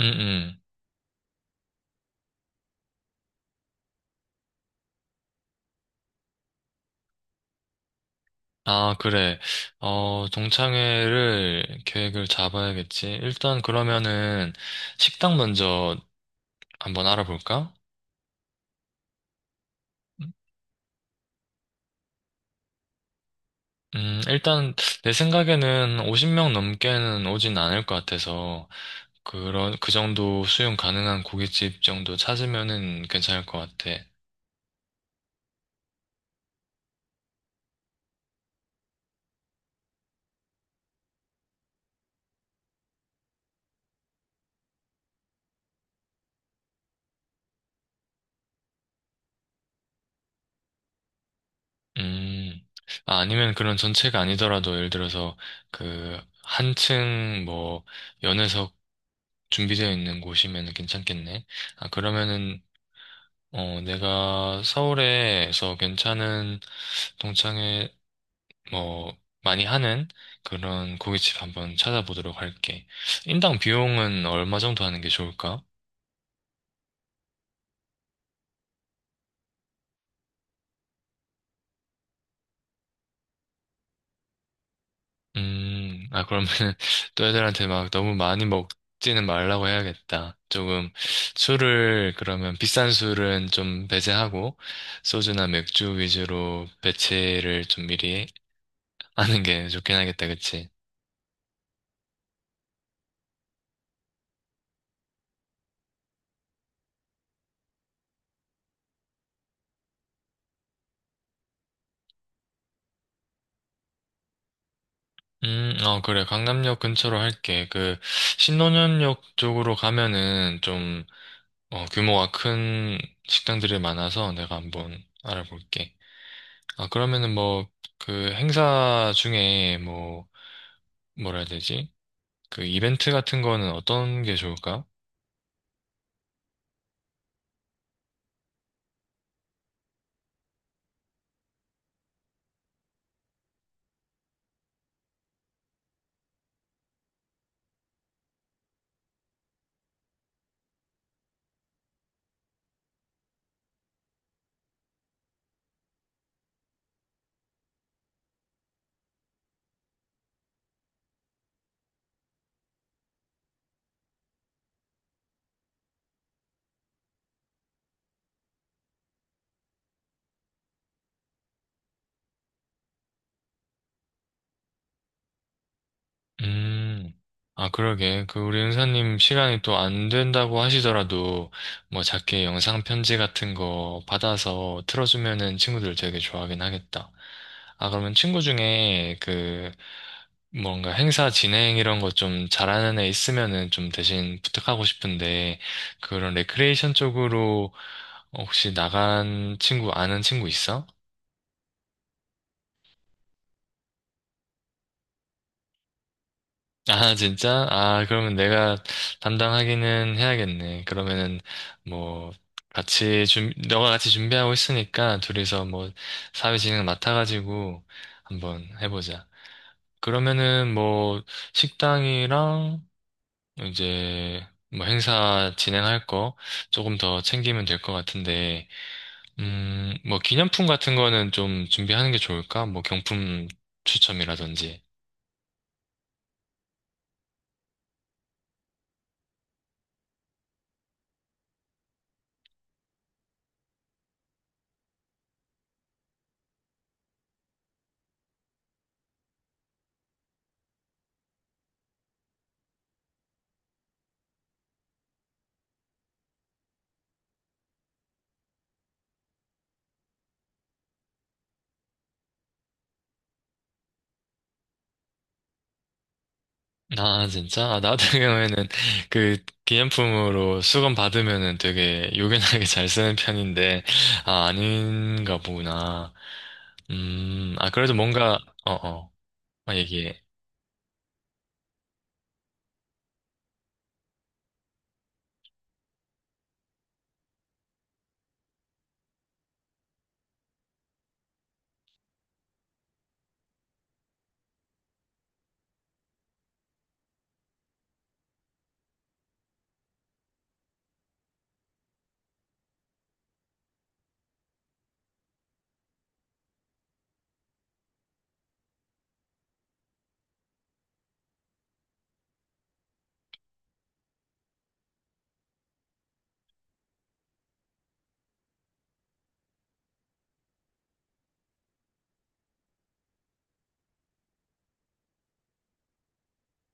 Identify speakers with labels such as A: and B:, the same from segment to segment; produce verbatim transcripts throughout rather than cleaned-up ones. A: 음, 음. 아, 그래. 어, 동창회를 계획을 잡아야겠지. 일단 그러면은 식당 먼저 한번 알아볼까? 음, 일단 내 생각에는 오십 명 넘게는 오진 않을 것 같아서 그런 그 정도 수용 가능한 고깃집 정도 찾으면은 괜찮을 것 같아. 음. 아, 아니면 그런 전체가 아니더라도 예를 들어서 그 한층 뭐 연회석 준비되어 있는 곳이면 괜찮겠네. 아, 그러면은, 어, 내가 서울에서 괜찮은 동창회, 뭐, 많이 하는 그런 고깃집 한번 찾아보도록 할게. 인당 비용은 얼마 정도 하는 게 좋을까? 음, 아, 그러면 또 애들한테 막 너무 많이 먹지는 말라고 해야겠다. 조금 술을, 그러면 비싼 술은 좀 배제하고, 소주나 맥주 위주로 배치를 좀 미리 하는 게 좋긴 하겠다, 그치? 음, 어, 그래. 강남역 근처로 할게. 그, 신논현역 쪽으로 가면은 좀, 어, 규모가 큰 식당들이 많아서 내가 한번 알아볼게. 아, 그러면은 뭐, 그 행사 중에 뭐, 뭐라 해야 되지? 그 이벤트 같은 거는 어떤 게 좋을까? 음, 아, 그러게. 그, 우리 은사님 시간이 또 안 된다고 하시더라도, 뭐, 작게 영상 편지 같은 거 받아서 틀어주면은 친구들 되게 좋아하긴 하겠다. 아, 그러면 친구 중에 그, 뭔가 행사 진행 이런 거 좀 잘하는 애 있으면은 좀 대신 부탁하고 싶은데, 그런 레크레이션 쪽으로 혹시 나간 친구, 아는 친구 있어? 아, 진짜? 아, 그러면 내가 담당하기는 해야겠네. 그러면은, 뭐, 같이 준, 너가 같이 준비하고 있으니까, 둘이서 뭐, 사회진흥 맡아가지고, 한번 해보자. 그러면은, 뭐, 식당이랑, 이제, 뭐, 행사 진행할 거, 조금 더 챙기면 될 것 같은데, 음, 뭐, 기념품 같은 거는 좀 준비하는 게 좋을까? 뭐, 경품 추첨이라든지. 아, 진짜? 아, 나 같은 경우에는 그 기념품으로 수건 받으면은 되게 요긴하게 잘 쓰는 편인데, 아, 아닌가 보구나. 음, 아, 그래도 뭔가, 어, 어, 아, 얘기해.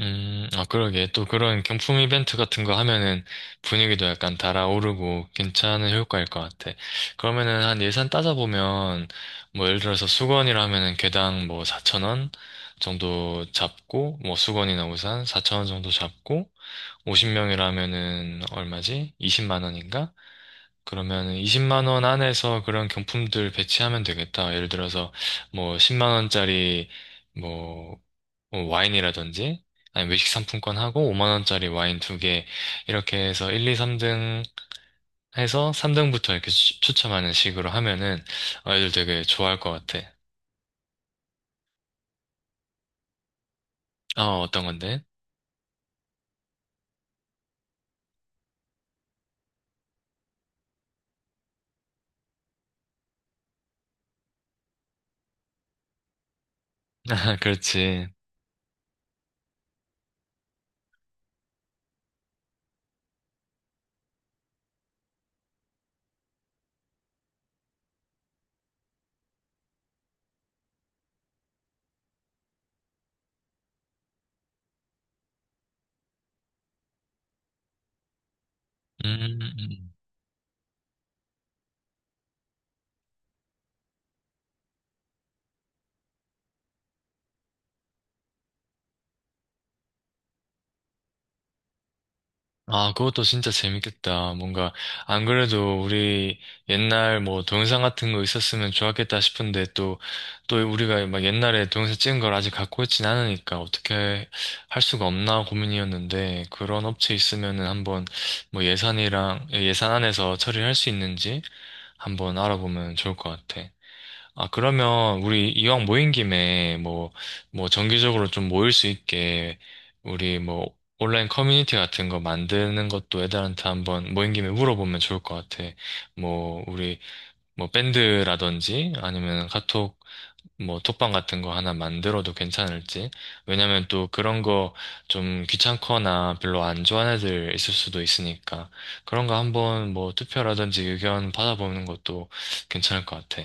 A: 음, 아, 그러게. 또 그런 경품 이벤트 같은 거 하면은 분위기도 약간 달아오르고 괜찮은 효과일 것 같아. 그러면은 한 예산 따져보면, 뭐 예를 들어서 수건이라면은 개당 뭐사천 원 정도 잡고, 뭐 수건이나 우산 사천 원 정도 잡고, 오십 명이라면은 얼마지? 이십만 원인가? 그러면은 이십만 원 안에서 그런 경품들 배치하면 되겠다. 예를 들어서 뭐 십만 원짜리 뭐 어, 와인이라든지 아니 외식 상품권 하고 오만 원짜리 와인 두 개 이렇게 해서 하나, 이, 삼 등 해서 삼 등부터 이렇게 추- 추첨하는 식으로 하면은 아이들 되게 좋아할 것 같아. 어, 어떤 건데? 아, 그렇지. 음. 음. 음. 아, 그것도 진짜 재밌겠다. 뭔가, 안 그래도 우리 옛날 뭐 동영상 같은 거 있었으면 좋았겠다 싶은데 또, 또 우리가 막 옛날에 동영상 찍은 걸 아직 갖고 있진 않으니까 어떻게 할 수가 없나 고민이었는데 그런 업체 있으면은 한번 뭐 예산이랑, 예산 안에서 처리할 수 있는지 한번 알아보면 좋을 것 같아. 아, 그러면 우리 이왕 모인 김에 뭐, 뭐 정기적으로 좀 모일 수 있게 우리 뭐 온라인 커뮤니티 같은 거 만드는 것도 애들한테 한번 모인 김에 물어보면 좋을 것 같아. 뭐 우리 뭐 밴드라든지 아니면 카톡 뭐 톡방 같은 거 하나 만들어도 괜찮을지. 왜냐면 또 그런 거 좀 귀찮거나 별로 안 좋아하는 애들 있을 수도 있으니까 그런 거 한번 뭐 투표라든지 의견 받아보는 것도 괜찮을 것 같아.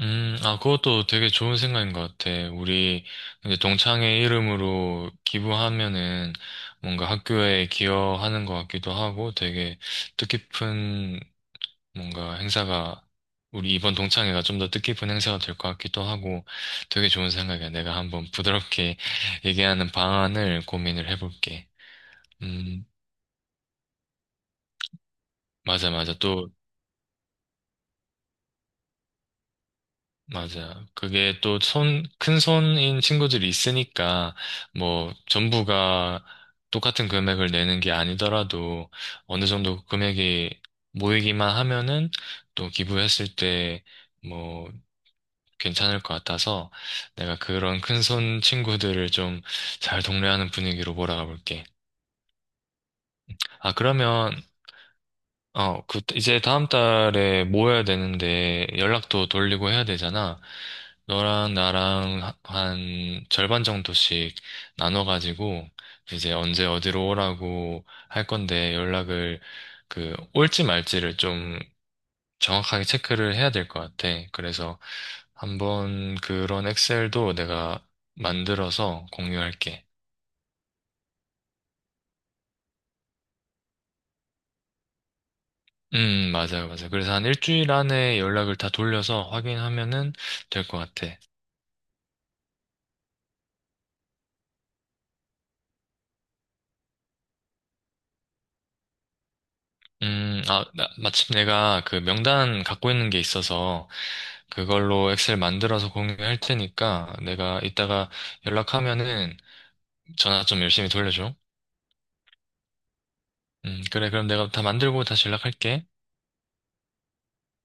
A: 음, 아, 그것도 되게 좋은 생각인 것 같아. 우리 이제 동창회 이름으로 기부하면은 뭔가 학교에 기여하는 것 같기도 하고 되게 뜻깊은 뭔가 행사가 우리 이번 동창회가 좀 더 뜻깊은 행사가 될 것 같기도 하고 되게 좋은 생각이야. 내가 한번 부드럽게 얘기하는 방안을 고민을 해볼게. 음, 맞아, 맞아. 또. 맞아. 그게 또 손, 큰 손인 친구들이 있으니까, 뭐, 전부가 똑같은 금액을 내는 게 아니더라도, 어느 정도 금액이 모이기만 하면은, 또 기부했을 때, 뭐, 괜찮을 것 같아서, 내가 그런 큰손 친구들을 좀 잘 동래하는 분위기로 몰아가 볼게. 아, 그러면, 어, 그, 이제 다음 달에 모여야 되는데 연락도 돌리고 해야 되잖아. 너랑 나랑 하- 한 절반 정도씩 나눠가지고 이제 언제 어디로 오라고 할 건데 연락을 그 올지 말지를 좀 정확하게 체크를 해야 될 것 같아. 그래서 한번 그런 엑셀도 내가 만들어서 공유할게. 음, 맞아요, 맞아요. 그래서 한 일주일 안에 연락을 다 돌려서 확인하면은 될 것 같아. 음, 아, 나- 마침 내가 그 명단 갖고 있는 게 있어서 그걸로 엑셀 만들어서 공유할 테니까 내가 이따가 연락하면은 전화 좀 열심히 돌려줘. 음, 그래, 그럼 내가 다 만들고 다시 연락할게.